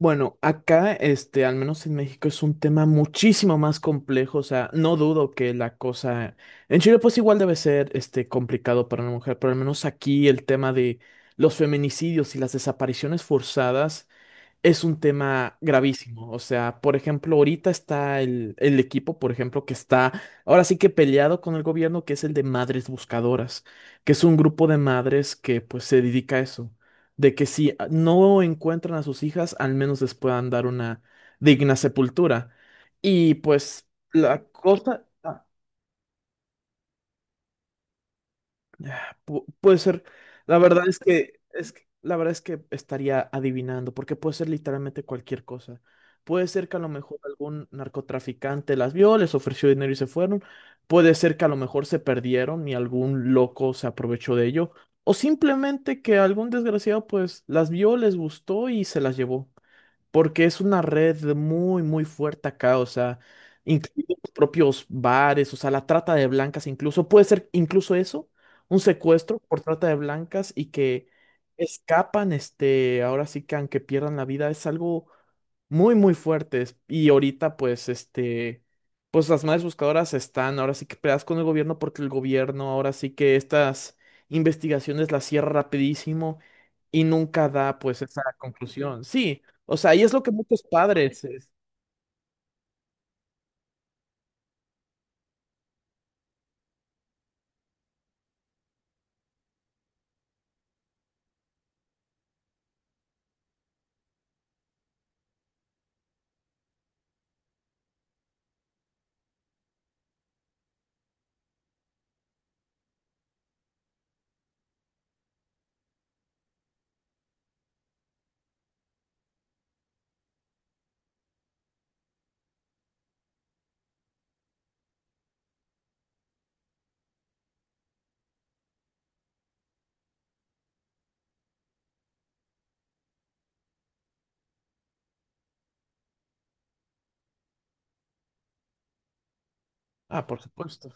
Bueno, acá, al menos en México, es un tema muchísimo más complejo. O sea, no dudo que la cosa. En Chile, pues igual debe ser, complicado para una mujer, pero al menos aquí el tema de los feminicidios y las desapariciones forzadas es un tema gravísimo. O sea, por ejemplo, ahorita está el equipo, por ejemplo, que está ahora sí que peleado con el gobierno, que es el de Madres Buscadoras, que es un grupo de madres que pues se dedica a eso, de que si no encuentran a sus hijas, al menos les puedan dar una digna sepultura. Y pues la cosa... Puede ser, la verdad es que, la verdad es que estaría adivinando, porque puede ser literalmente cualquier cosa. Puede ser que a lo mejor algún narcotraficante las vio, les ofreció dinero y se fueron. Puede ser que a lo mejor se perdieron y algún loco se aprovechó de ello. O simplemente que algún desgraciado pues las vio, les gustó y se las llevó porque es una red muy, muy fuerte acá, o sea, incluso los propios bares, o sea, la trata de blancas incluso, puede ser incluso eso, un secuestro por trata de blancas y que escapan, ahora sí que aunque pierdan la vida, es algo muy, muy fuertes. Y ahorita, pues, pues las madres buscadoras están ahora sí que peleadas con el gobierno porque el gobierno ahora sí que estas investigaciones las cierra rapidísimo y nunca da, pues, esa conclusión. Sí, o sea, y es lo que muchos padres... Ah, por supuesto.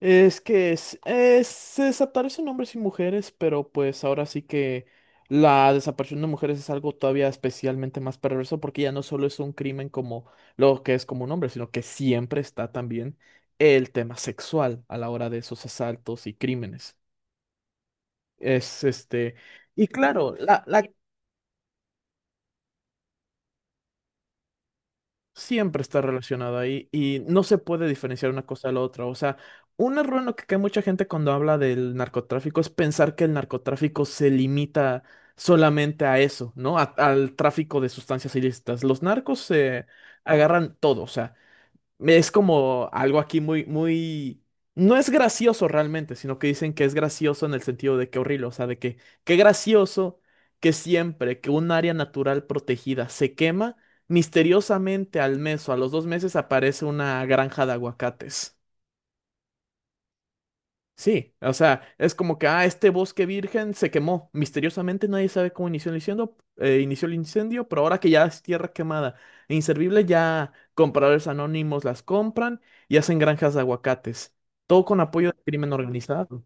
Es que es, se desaparecen hombres y mujeres, pero pues ahora sí que la desaparición de mujeres es algo todavía especialmente más perverso porque ya no solo es un crimen como lo que es como un hombre, sino que siempre está también el tema sexual a la hora de esos asaltos y crímenes. Es y claro, la siempre está relacionado ahí y no se puede diferenciar una cosa de la otra. O sea, un error en lo que cae mucha gente cuando habla del narcotráfico es pensar que el narcotráfico se limita solamente a eso, ¿no? Al tráfico de sustancias ilícitas. Los narcos se agarran todo, o sea, es como algo aquí muy, muy... No es gracioso realmente, sino que dicen que es gracioso en el sentido de que horrible, o sea, de que qué gracioso que siempre que un área natural protegida se quema, misteriosamente al mes o a los dos meses aparece una granja de aguacates. Sí, o sea, es como que, ah, este bosque virgen se quemó. Misteriosamente nadie sabe cómo inició el incendio, pero ahora que ya es tierra quemada e inservible, ya compradores anónimos las compran y hacen granjas de aguacates. Todo con apoyo del crimen organizado.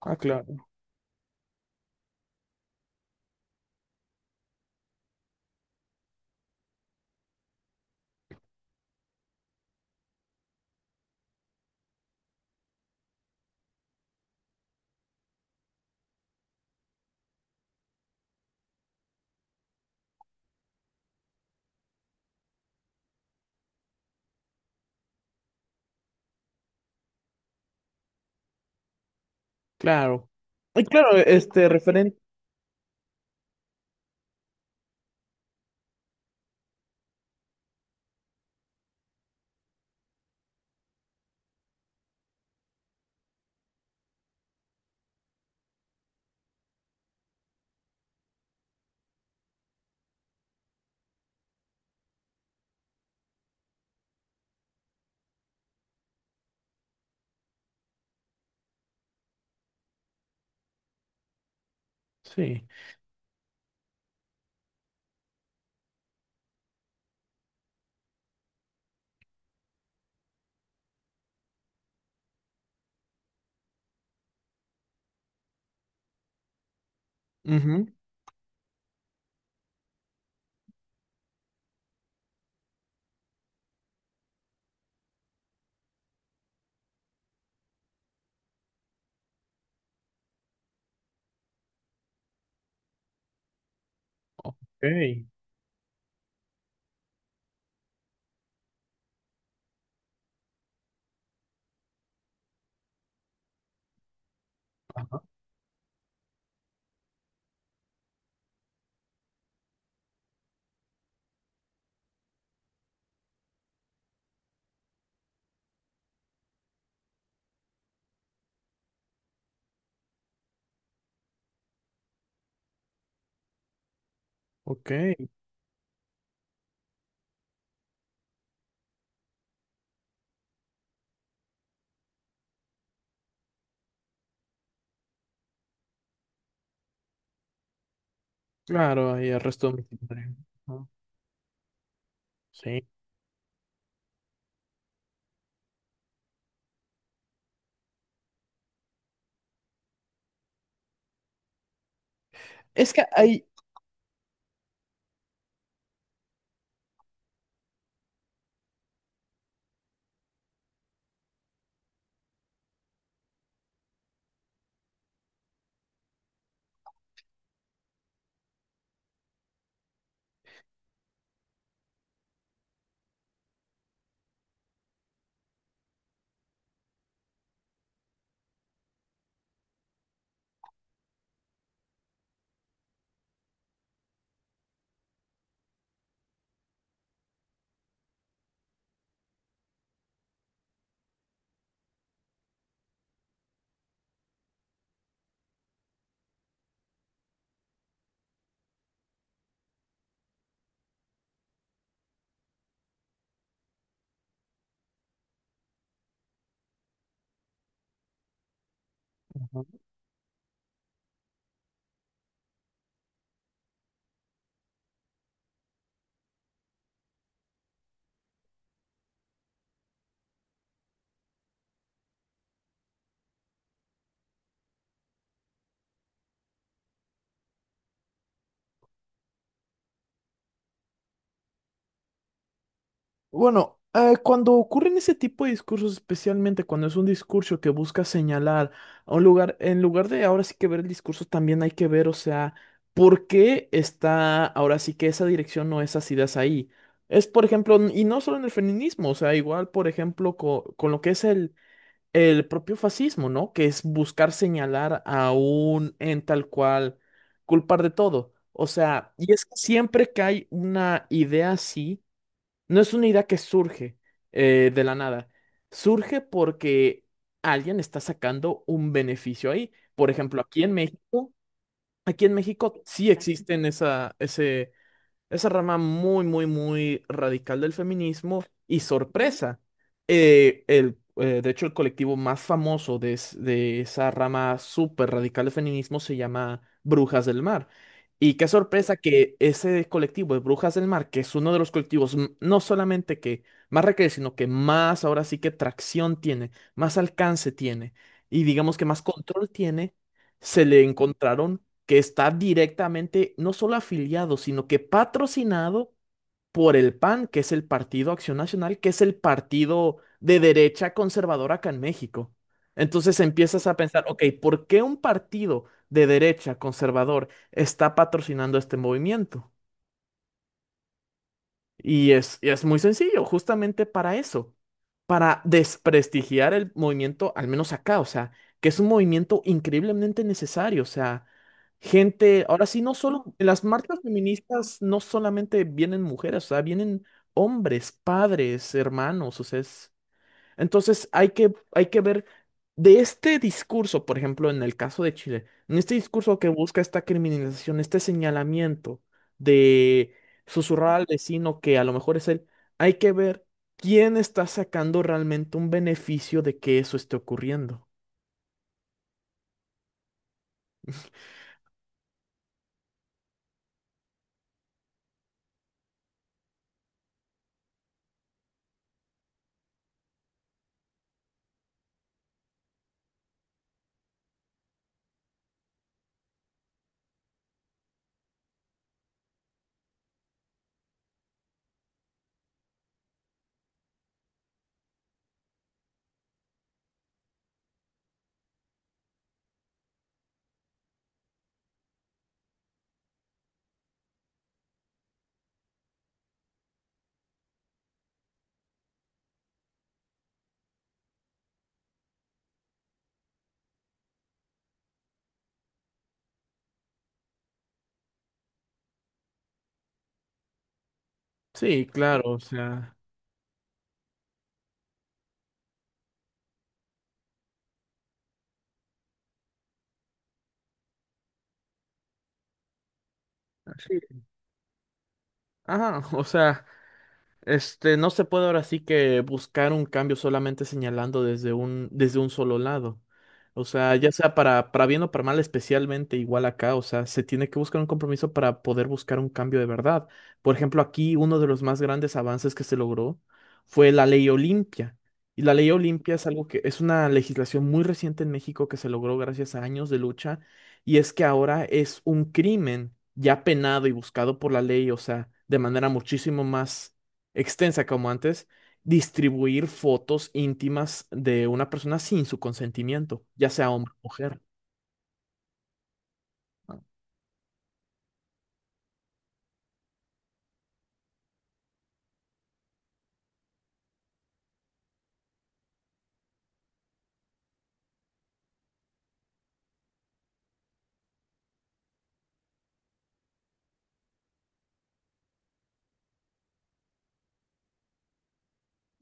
Ah, claro, claro. Y claro, este referente. Sí. Ujú. Ok. Ajá. Ok, claro, hay arresto domiciliario. Ajá, sí. Es que hay. Bueno, cuando ocurren ese tipo de discursos, especialmente cuando es un discurso que busca señalar a un lugar, en lugar de ahora sí que ver el discurso, también hay que ver, o sea, por qué está ahora sí que esa dirección o esas ideas ahí. Es, por ejemplo, y no solo en el feminismo, o sea, igual, por ejemplo, con lo que es el propio fascismo, ¿no? Que es buscar señalar a un en tal cual, culpar de todo. O sea, y es que siempre que hay una idea así, no es una idea que surge de la nada. Surge porque alguien está sacando un beneficio ahí. Por ejemplo, aquí en México sí existen esa rama muy, muy, muy radical del feminismo y sorpresa. De hecho, el colectivo más famoso de, de esa rama súper radical del feminismo se llama Brujas del Mar. Y qué sorpresa que ese colectivo de Brujas del Mar, que es uno de los colectivos no solamente que más requiere, sino que más ahora sí que tracción tiene, más alcance tiene y digamos que más control tiene, se le encontraron que está directamente no solo afiliado, sino que patrocinado por el PAN, que es el Partido Acción Nacional, que es el partido de derecha conservadora acá en México. Entonces empiezas a pensar, ok, ¿por qué un partido de derecha conservador está patrocinando este movimiento? Y es muy sencillo, justamente para eso, para desprestigiar el movimiento, al menos acá, o sea, que es un movimiento increíblemente necesario, o sea, gente, ahora sí, no solo, en las marchas feministas no solamente vienen mujeres, o sea, vienen hombres, padres, hermanos, o sea, es... Entonces hay que ver de este discurso, por ejemplo, en el caso de Chile, en este discurso que busca esta criminalización, este señalamiento de susurrar al vecino que a lo mejor es él, hay que ver quién está sacando realmente un beneficio de que eso esté ocurriendo. Sí, claro, o sea, sí. Ajá, o sea. No se puede ahora sí que buscar un cambio solamente señalando desde un solo lado. O sea, ya sea para bien o para mal, especialmente igual acá, o sea, se tiene que buscar un compromiso para poder buscar un cambio de verdad. Por ejemplo, aquí uno de los más grandes avances que se logró fue la Ley Olimpia. Y la Ley Olimpia es algo que es una legislación muy reciente en México que se logró gracias a años de lucha y es que ahora es un crimen ya penado y buscado por la ley, o sea, de manera muchísimo más extensa como antes, distribuir fotos íntimas de una persona sin su consentimiento, ya sea hombre o mujer.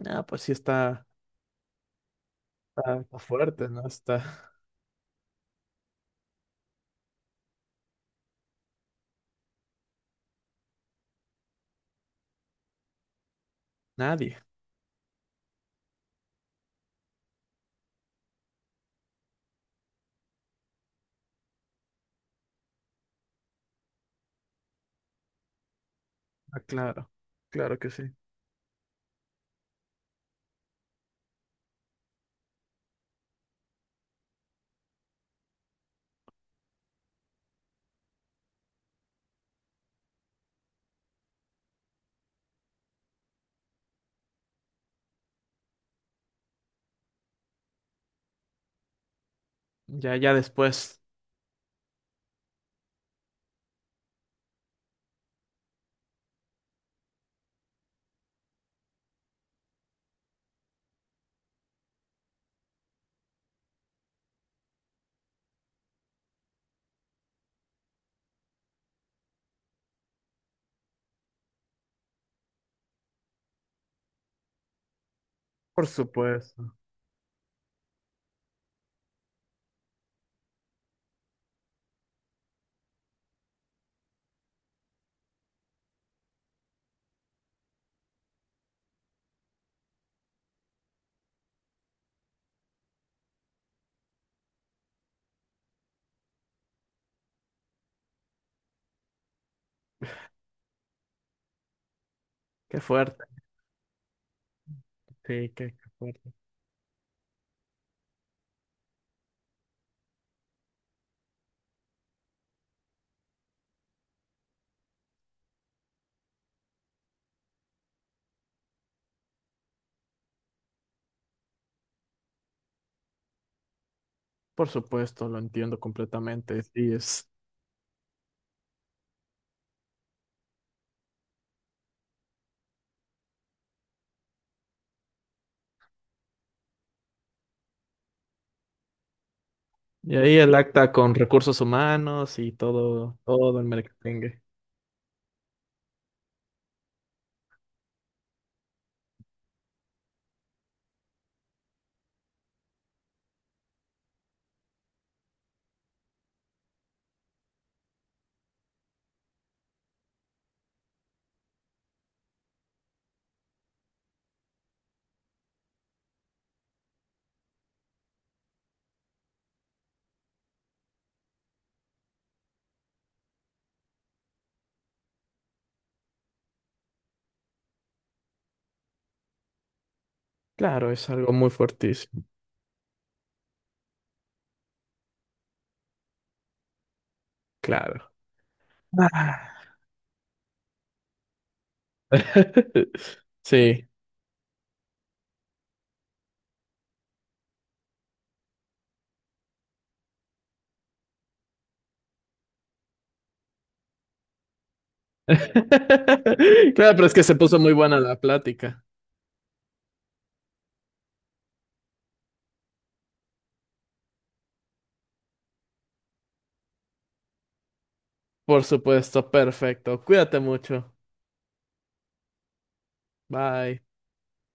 Ah, pues sí está, está fuerte, ¿no? Está nadie. Ah, claro, claro que sí. Ya, ya después. Por supuesto. Qué fuerte. Sí, qué, qué fuerte. Por supuesto, lo entiendo completamente. Sí, es. Y ahí el acta con recursos humanos y todo, todo el merengue. Claro, es algo muy fuertísimo. Claro. Sí. Claro, pero es que se puso muy buena la plática. Por supuesto, perfecto. Cuídate mucho. Bye.